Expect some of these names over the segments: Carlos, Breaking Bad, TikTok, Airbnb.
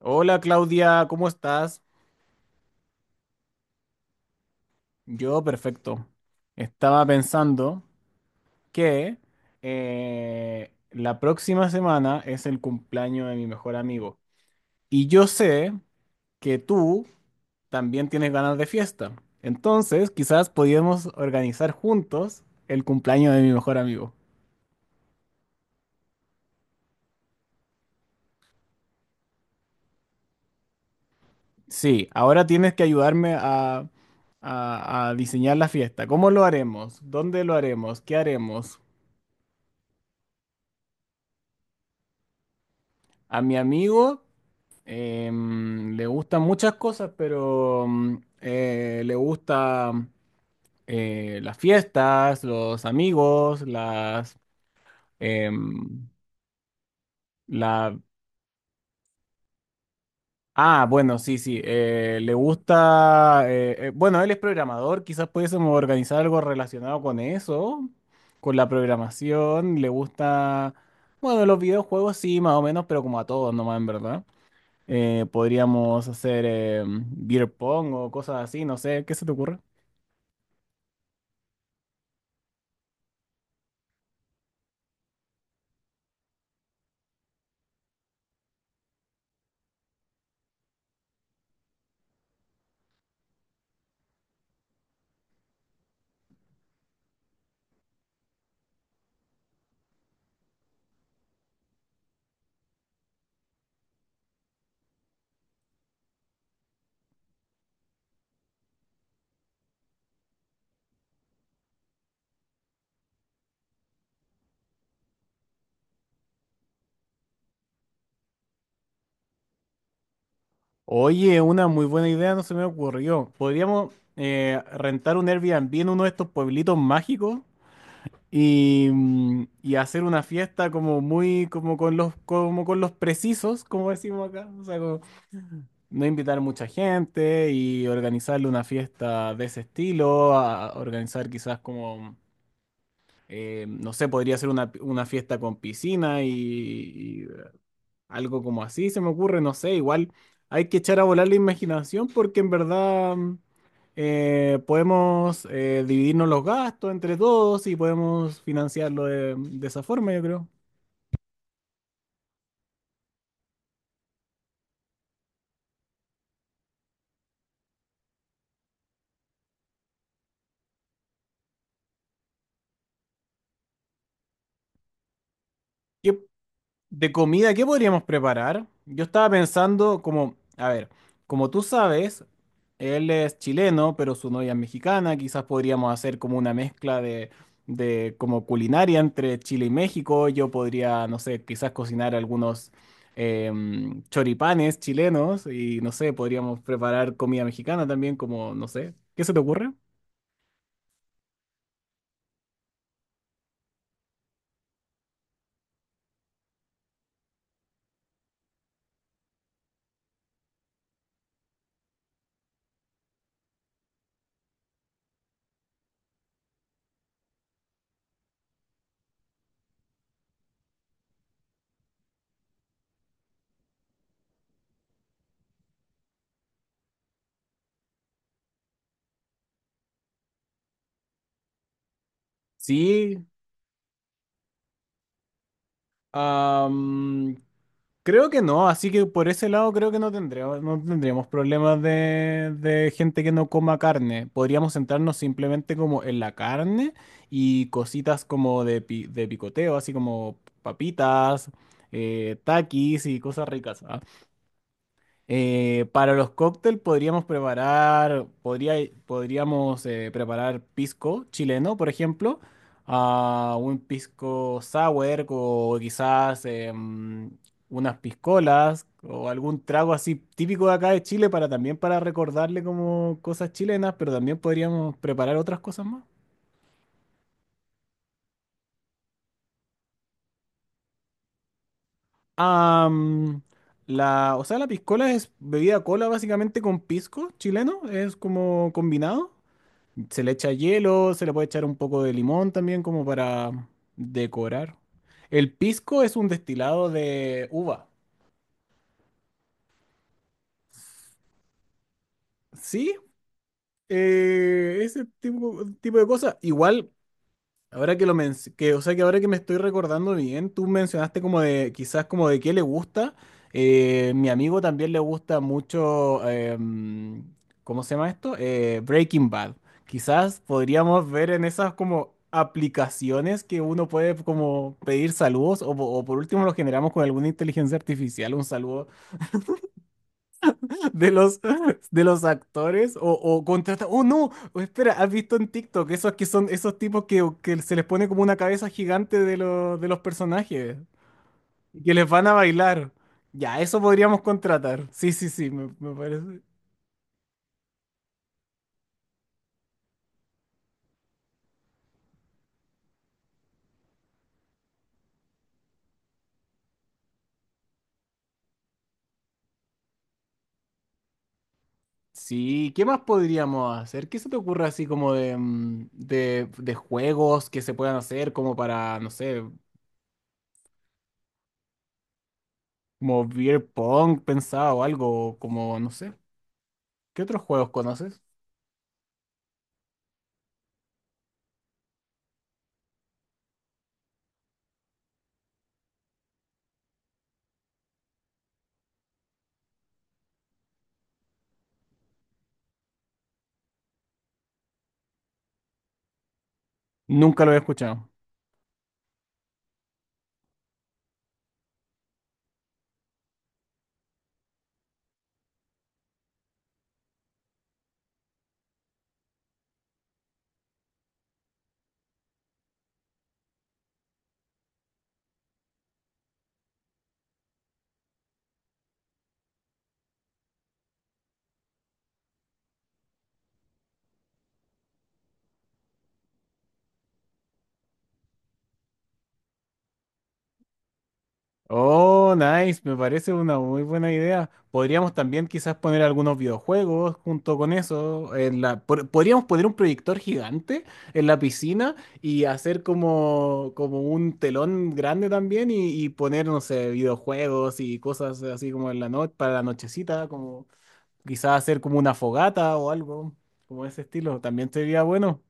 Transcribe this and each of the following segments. Hola Claudia, ¿cómo estás? Yo perfecto. Estaba pensando que la próxima semana es el cumpleaños de mi mejor amigo. Y yo sé que tú también tienes ganas de fiesta. Entonces, quizás podíamos organizar juntos el cumpleaños de mi mejor amigo. Sí, ahora tienes que ayudarme a diseñar la fiesta. ¿Cómo lo haremos? ¿Dónde lo haremos? ¿Qué haremos? A mi amigo. Le gustan muchas cosas, pero le gusta las fiestas, los amigos, las... em, la... Ah, bueno, sí, sí. Le gusta... bueno, él es programador, quizás pudiésemos organizar algo relacionado con eso, con la programación. Le gusta... Bueno, los videojuegos sí, más o menos, pero como a todos nomás, en verdad. Podríamos hacer beer pong o cosas así, no sé, ¿qué se te ocurre? Oye, una muy buena idea no se me ocurrió. Podríamos rentar un Airbnb en uno de estos pueblitos mágicos y, y hacer una fiesta como muy, como con los precisos, como decimos acá. O sea, como no invitar mucha gente y organizarle una fiesta de ese estilo, a organizar quizás como no sé, podría ser una fiesta con piscina y, algo como así se me ocurre, no sé, igual hay que echar a volar la imaginación porque en verdad podemos dividirnos los gastos entre todos y podemos financiarlo de esa forma, yo creo. De comida, ¿qué podríamos preparar? Yo estaba pensando como, a ver, como tú sabes, él es chileno, pero su novia es mexicana, quizás podríamos hacer como una mezcla de como culinaria entre Chile y México. Yo podría, no sé, quizás cocinar algunos choripanes chilenos y no sé, podríamos preparar comida mexicana también, como, no sé, ¿qué se te ocurre? Sí, Am, creo que no, así que por ese lado creo que no tendríamos, no tendríamos problemas de gente que no coma carne. Podríamos centrarnos simplemente como en la carne y cositas como de, de picoteo, así como papitas, taquis y cosas ricas. Para los cócteles podríamos preparar, podríamos preparar pisco chileno, por ejemplo, ah, un pisco sour o quizás unas piscolas o algún trago así típico de acá de Chile para también para recordarle como cosas chilenas, pero también podríamos preparar otras cosas más. Am, la, o sea, la piscola es bebida cola básicamente con pisco chileno, es como combinado. Se le echa hielo, se le puede echar un poco de limón también como para decorar. El pisco es un destilado de uva. ¿Sí? Ese tipo, tipo de cosas. Igual ahora que lo o sea que ahora que me estoy recordando bien, tú mencionaste como de, quizás como de qué le gusta. Mi amigo también le gusta mucho, ¿cómo se llama esto? Breaking Bad. Quizás podríamos ver en esas como aplicaciones que uno puede como pedir saludos o, o por último lo generamos con alguna inteligencia artificial, un saludo de los actores o contrata. Oh, no, oh, espera, ¿has visto en TikTok esos que son esos tipos que se les pone como una cabeza gigante de los personajes y que les van a bailar? Ya, eso podríamos contratar. Sí, sí, sí, me parece. Sí, ¿qué más podríamos hacer? ¿Qué se te ocurre así como de, de juegos que se puedan hacer como para, no sé, como beer pong pensado o algo, como, no sé. ¿Qué otros juegos conoces? Nunca lo he escuchado. Oh, nice, me parece una muy buena idea. Podríamos también quizás poner algunos videojuegos junto con eso. En la, podríamos poner un proyector gigante en la piscina y hacer como, como un telón grande también y poner, no sé, videojuegos y cosas así como en la noche, para la nochecita, como quizás hacer como una fogata o algo, como ese estilo. También sería bueno.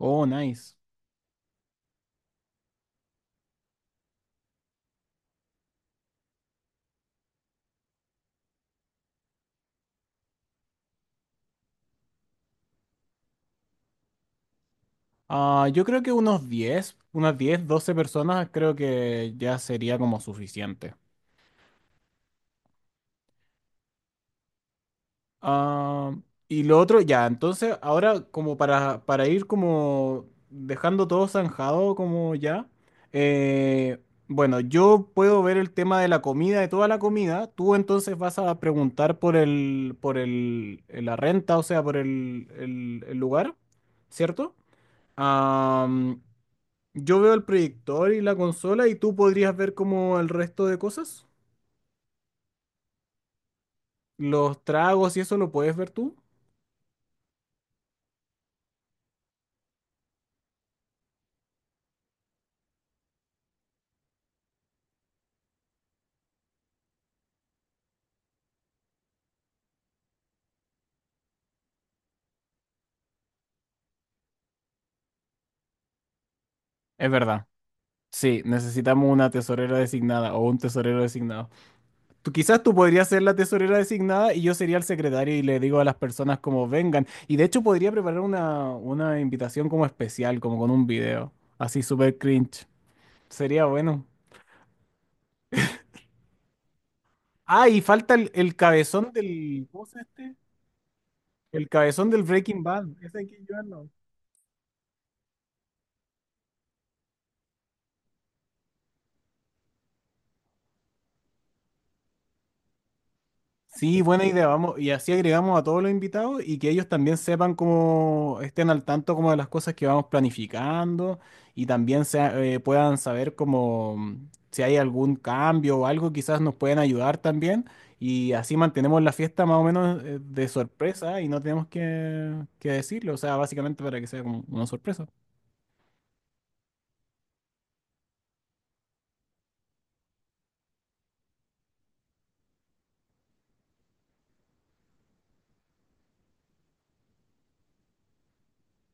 Oh, nice. Ah, yo creo que unos 10, unas 10, 12 personas creo que ya sería como suficiente. Ah, y lo otro, ya, entonces ahora como para ir como dejando todo zanjado como ya, eh, bueno, yo puedo ver el tema de la comida, de toda la comida, tú entonces vas a preguntar por el, la renta, o sea, por el, el lugar, ¿cierto? Ah, yo veo el proyector y la consola y tú podrías ver como el resto de cosas. Los tragos y eso lo puedes ver tú. Es verdad. Sí, necesitamos una tesorera designada o un tesorero designado. Tú, quizás tú podrías ser la tesorera designada y yo sería el secretario y le digo a las personas como vengan. Y de hecho podría preparar una invitación como especial, como con un video. Así súper cringe. Sería bueno. Ah, y falta el cabezón del... ¿Cómo se llama este? El cabezón del Breaking Bad. Ese hay que llevarlo. Sí, buena idea, vamos, y así agregamos a todos los invitados y que ellos también sepan cómo estén al tanto como de las cosas que vamos planificando y también puedan saber como si hay algún cambio o algo, quizás nos pueden ayudar también y así mantenemos la fiesta más o menos de sorpresa y no tenemos que decirlo, o sea, básicamente para que sea como una sorpresa.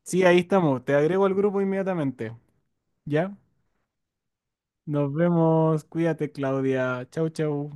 Sí, ahí estamos, te agrego al grupo inmediatamente, ¿ya? Nos vemos, cuídate Claudia, chau chau.